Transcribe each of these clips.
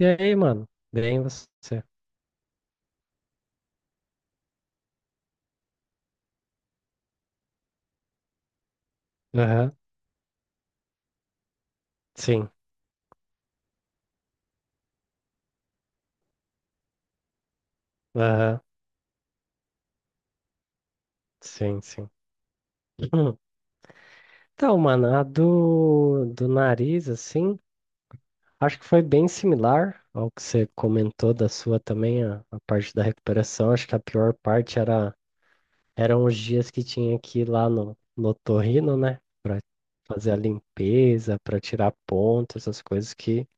E aí, mano? Bem você? Aham. Sim. Aham. Sim, sim. Hum. Então, mano, a do nariz, assim, acho que foi bem similar ao que você comentou da sua também, a parte da recuperação. Acho que a pior parte era, eram os dias que tinha que ir lá no otorrino, né? Pra fazer a limpeza, pra tirar ponto, essas coisas que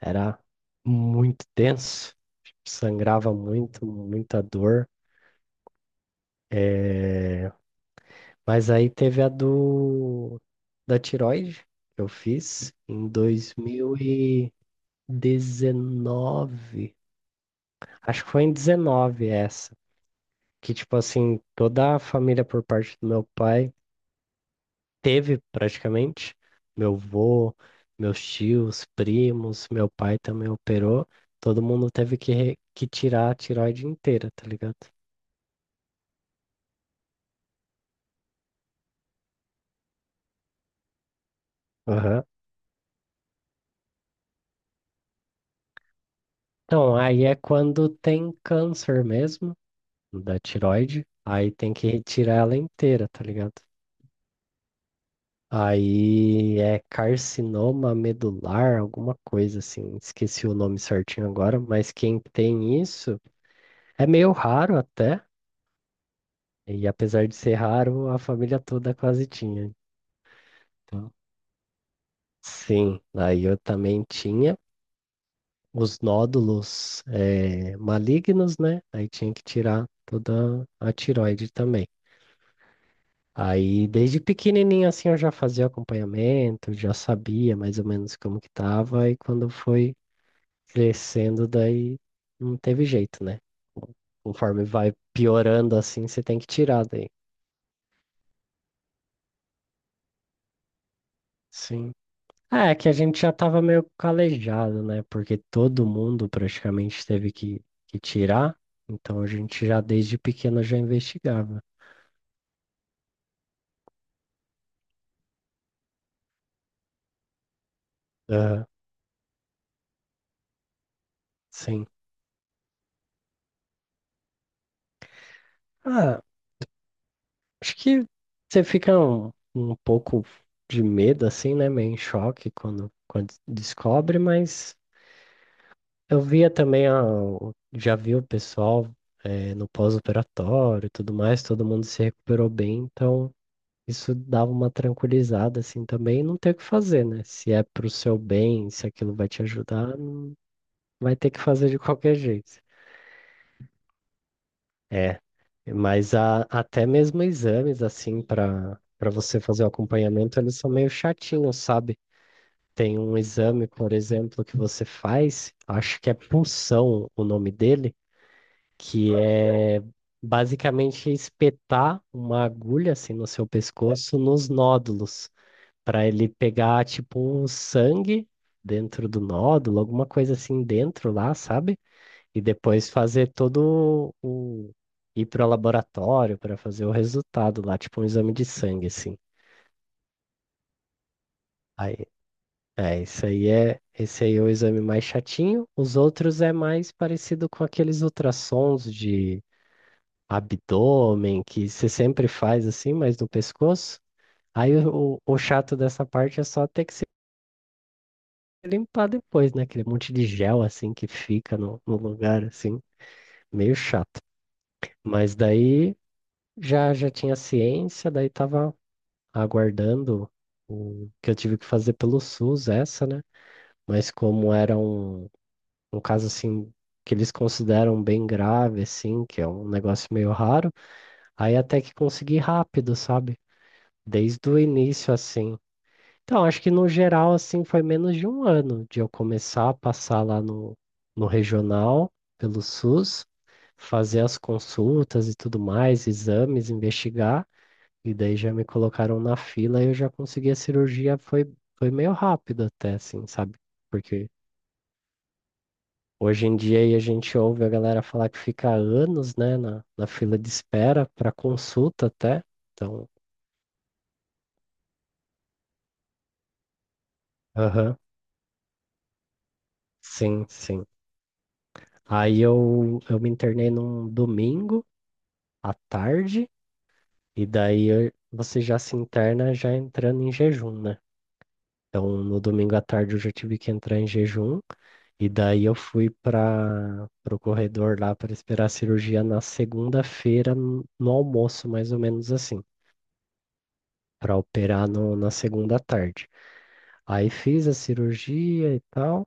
era muito tenso. Sangrava muito, muita dor. É. Mas aí teve a do da tiroide que eu fiz em 2019. Acho que foi em 19 essa, que tipo assim, toda a família por parte do meu pai teve praticamente, meu vô, meus tios, primos, meu pai também operou, todo mundo teve que, que tirar a tiroide inteira, tá ligado? Aham. Então, aí é quando tem câncer mesmo. Da tireoide, aí tem que retirar ela inteira, tá ligado? Aí é carcinoma medular, alguma coisa assim, esqueci o nome certinho agora, mas quem tem isso é meio raro até, e apesar de ser raro, a família toda quase tinha. Então, sim, aí eu também tinha os nódulos malignos, né? Aí tinha que tirar toda a tireoide também. Aí, desde pequenininho, assim, eu já fazia acompanhamento, já sabia mais ou menos como que tava, e quando foi crescendo, daí não teve jeito, né? Conforme vai piorando, assim, você tem que tirar daí. Sim. É, que a gente já tava meio calejado, né? Porque todo mundo praticamente teve que tirar, então a gente já desde pequeno já investigava. Aham, sim. Ah, acho que você fica um pouco de medo, assim, né? Meio em choque quando, quando descobre, mas eu via também, já vi o pessoal no pós-operatório e tudo mais, todo mundo se recuperou bem, então isso dava uma tranquilizada, assim, também, e não tem o que fazer, né? Se é pro seu bem, se aquilo vai te ajudar, não- vai ter que fazer de qualquer jeito. É. Até mesmo exames, assim, para você fazer o acompanhamento, eles são meio chatinhos, sabe? Tem um exame, por exemplo, que você faz, acho que é punção o nome dele, que é basicamente espetar uma agulha, assim, no seu pescoço, nos nódulos, para ele pegar, tipo, um sangue dentro do nódulo, alguma coisa assim dentro lá, sabe? E depois fazer todo o. Ir para o laboratório para fazer o resultado lá, tipo um exame de sangue, assim. Aí, é, isso aí é. Esse aí é o exame mais chatinho. Os outros é mais parecido com aqueles ultrassons de abdômen que você sempre faz assim, mas no pescoço. Aí o chato dessa parte é só ter que se limpar depois, né? Aquele monte de gel assim que fica no lugar, assim, meio chato. Mas daí já já tinha ciência, daí tava aguardando o que eu tive que fazer pelo SUS, essa, né? Mas como era um, um caso assim que eles consideram bem grave, assim, que é um negócio meio raro, aí até que consegui rápido, sabe? Desde o início, assim. Então, acho que no geral, assim, foi menos de um ano de eu começar a passar lá no regional, pelo SUS, fazer as consultas e tudo mais, exames, investigar. E daí já me colocaram na fila e eu já consegui a cirurgia, foi, foi meio rápido até, assim, sabe? Porque hoje em dia aí a gente ouve a galera falar que fica anos, né, na fila de espera para consulta até. Então, aham, sim, sim. Aí eu me internei num domingo à tarde, e você já se interna já entrando em jejum, né? Então, no domingo à tarde eu já tive que entrar em jejum. E daí eu fui para o corredor lá para esperar a cirurgia na segunda-feira, no almoço, mais ou menos assim, para operar no, na segunda à tarde. Aí fiz a cirurgia e tal,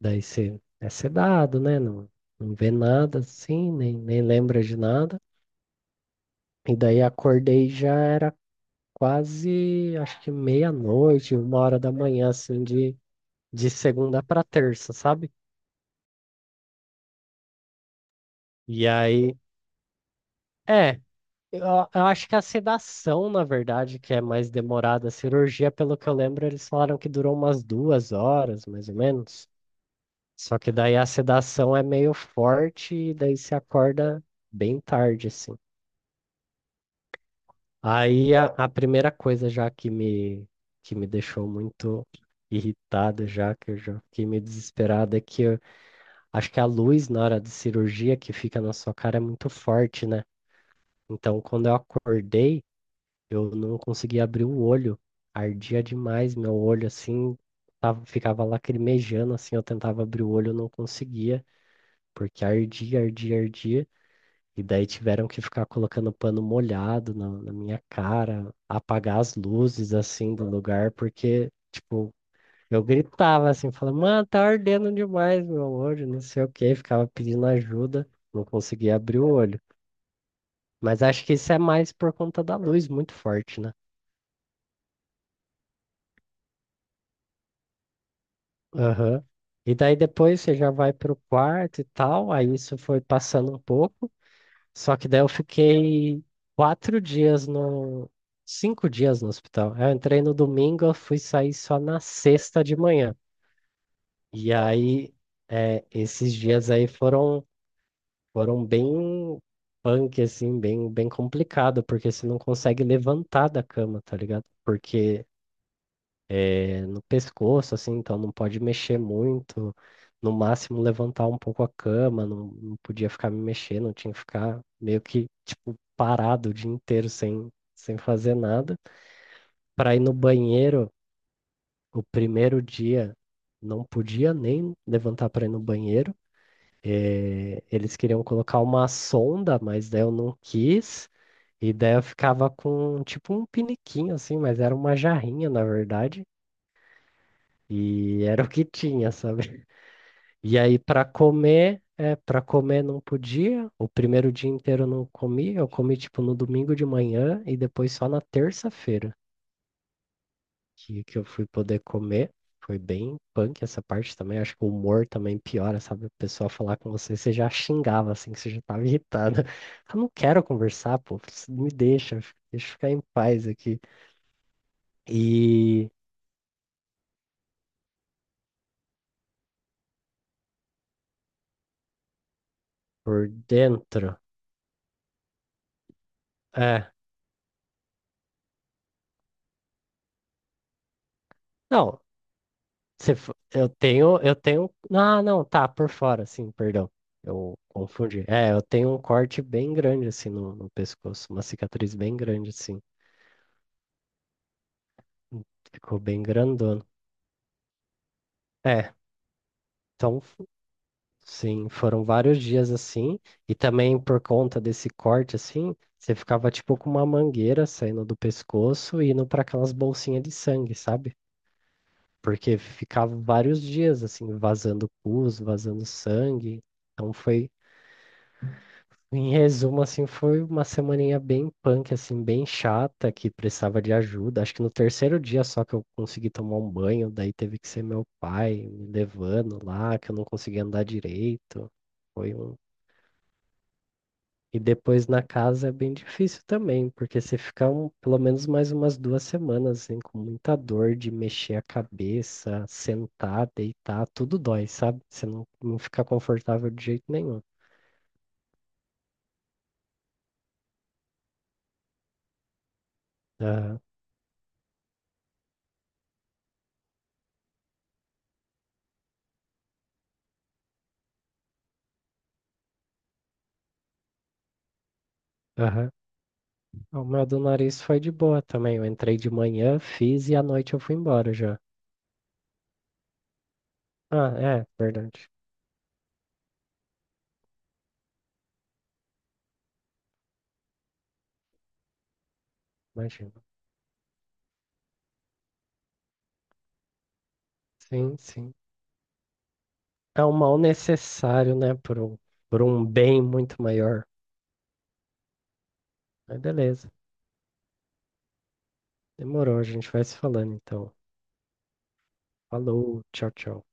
daí você é sedado, né? Não, não vê nada assim, nem, nem lembra de nada. E daí acordei e já era quase, acho que meia-noite, uma hora da manhã, assim, de segunda para terça, sabe? E aí, é, eu, eu acho que a sedação, na verdade, que é mais demorada. A cirurgia, pelo que eu lembro, eles falaram que durou umas 2 horas, mais ou menos. Só que daí a sedação é meio forte e daí se acorda bem tarde, assim. Aí a primeira coisa já que me deixou muito irritado já, que eu já fiquei meio desesperado, é acho que a luz na hora de cirurgia que fica na sua cara é muito forte, né? Então, quando eu acordei, eu não conseguia abrir o olho, ardia demais meu olho assim, tava, ficava lacrimejando assim, eu tentava abrir o olho, eu não conseguia, porque ardia, ardia, ardia, e daí tiveram que ficar colocando pano molhado na minha cara, apagar as luzes assim do lugar, porque, tipo, eu gritava assim, falava, mano, tá ardendo demais meu olho, não sei o que, ficava pedindo ajuda, não conseguia abrir o olho. Mas acho que isso é mais por conta da luz muito forte, né? Aham. E daí depois você já vai pro quarto e tal, aí isso foi passando um pouco. Só que daí eu fiquei quatro dias no. 5 dias no hospital. Eu entrei no domingo, eu fui sair só na sexta de manhã. E aí, é, esses dias aí foram, foram bem punk, assim, bem, bem complicado, porque você não consegue levantar da cama, tá ligado? Porque é, no pescoço, assim, então não pode mexer muito, no máximo levantar um pouco a cama, não, não podia ficar me mexendo, tinha que ficar meio que, tipo, parado o dia inteiro sem, sem fazer nada. Para ir no banheiro, o primeiro dia não podia nem levantar para ir no banheiro. Eh, eles queriam colocar uma sonda, mas daí eu não quis. E daí eu ficava com tipo um piniquinho assim, mas era uma jarrinha na verdade. E era o que tinha, sabe? E aí, para comer, é, para comer não podia. O primeiro dia inteiro eu não comi. Eu comi tipo no domingo de manhã e depois só na terça-feira que eu fui poder comer. Foi bem punk essa parte também. Acho que o humor também piora, sabe? O pessoal falar com você, você já xingava, assim, que você já tava irritada. Eu não quero conversar, pô. Me deixa, deixa eu ficar em paz aqui. E por dentro, é. Não, Se fo- eu tenho, eu tenho. Ah, não, tá, por fora, sim, perdão. Eu confundi. É, eu tenho um corte bem grande assim no pescoço, uma cicatriz bem grande assim. Ficou bem grandona. É, então, sim, foram vários dias assim. E também por conta desse corte assim, você ficava tipo com uma mangueira saindo do pescoço e indo para aquelas bolsinhas de sangue, sabe? Porque ficava vários dias assim, vazando pus, vazando sangue. Então foi Em resumo, assim, foi uma semaninha bem punk, assim, bem chata, que precisava de ajuda. Acho que no terceiro dia só que eu consegui tomar um banho, daí teve que ser meu pai me levando lá, que eu não conseguia andar direito. Foi um... E depois na casa é bem difícil também, porque você fica pelo menos mais umas 2 semanas, assim, com muita dor de mexer a cabeça, sentar, deitar, tudo dói, sabe? Você não, não fica confortável de jeito nenhum. Aham, aham. Ah, o meu do nariz foi de boa também. Eu entrei de manhã, fiz e à noite eu fui embora já. Ah, é, verdade. Imagino. Sim, sim. É um mal necessário, né? Por um bem muito maior. Mas beleza. Demorou, a gente vai se falando então. Falou, tchau, tchau.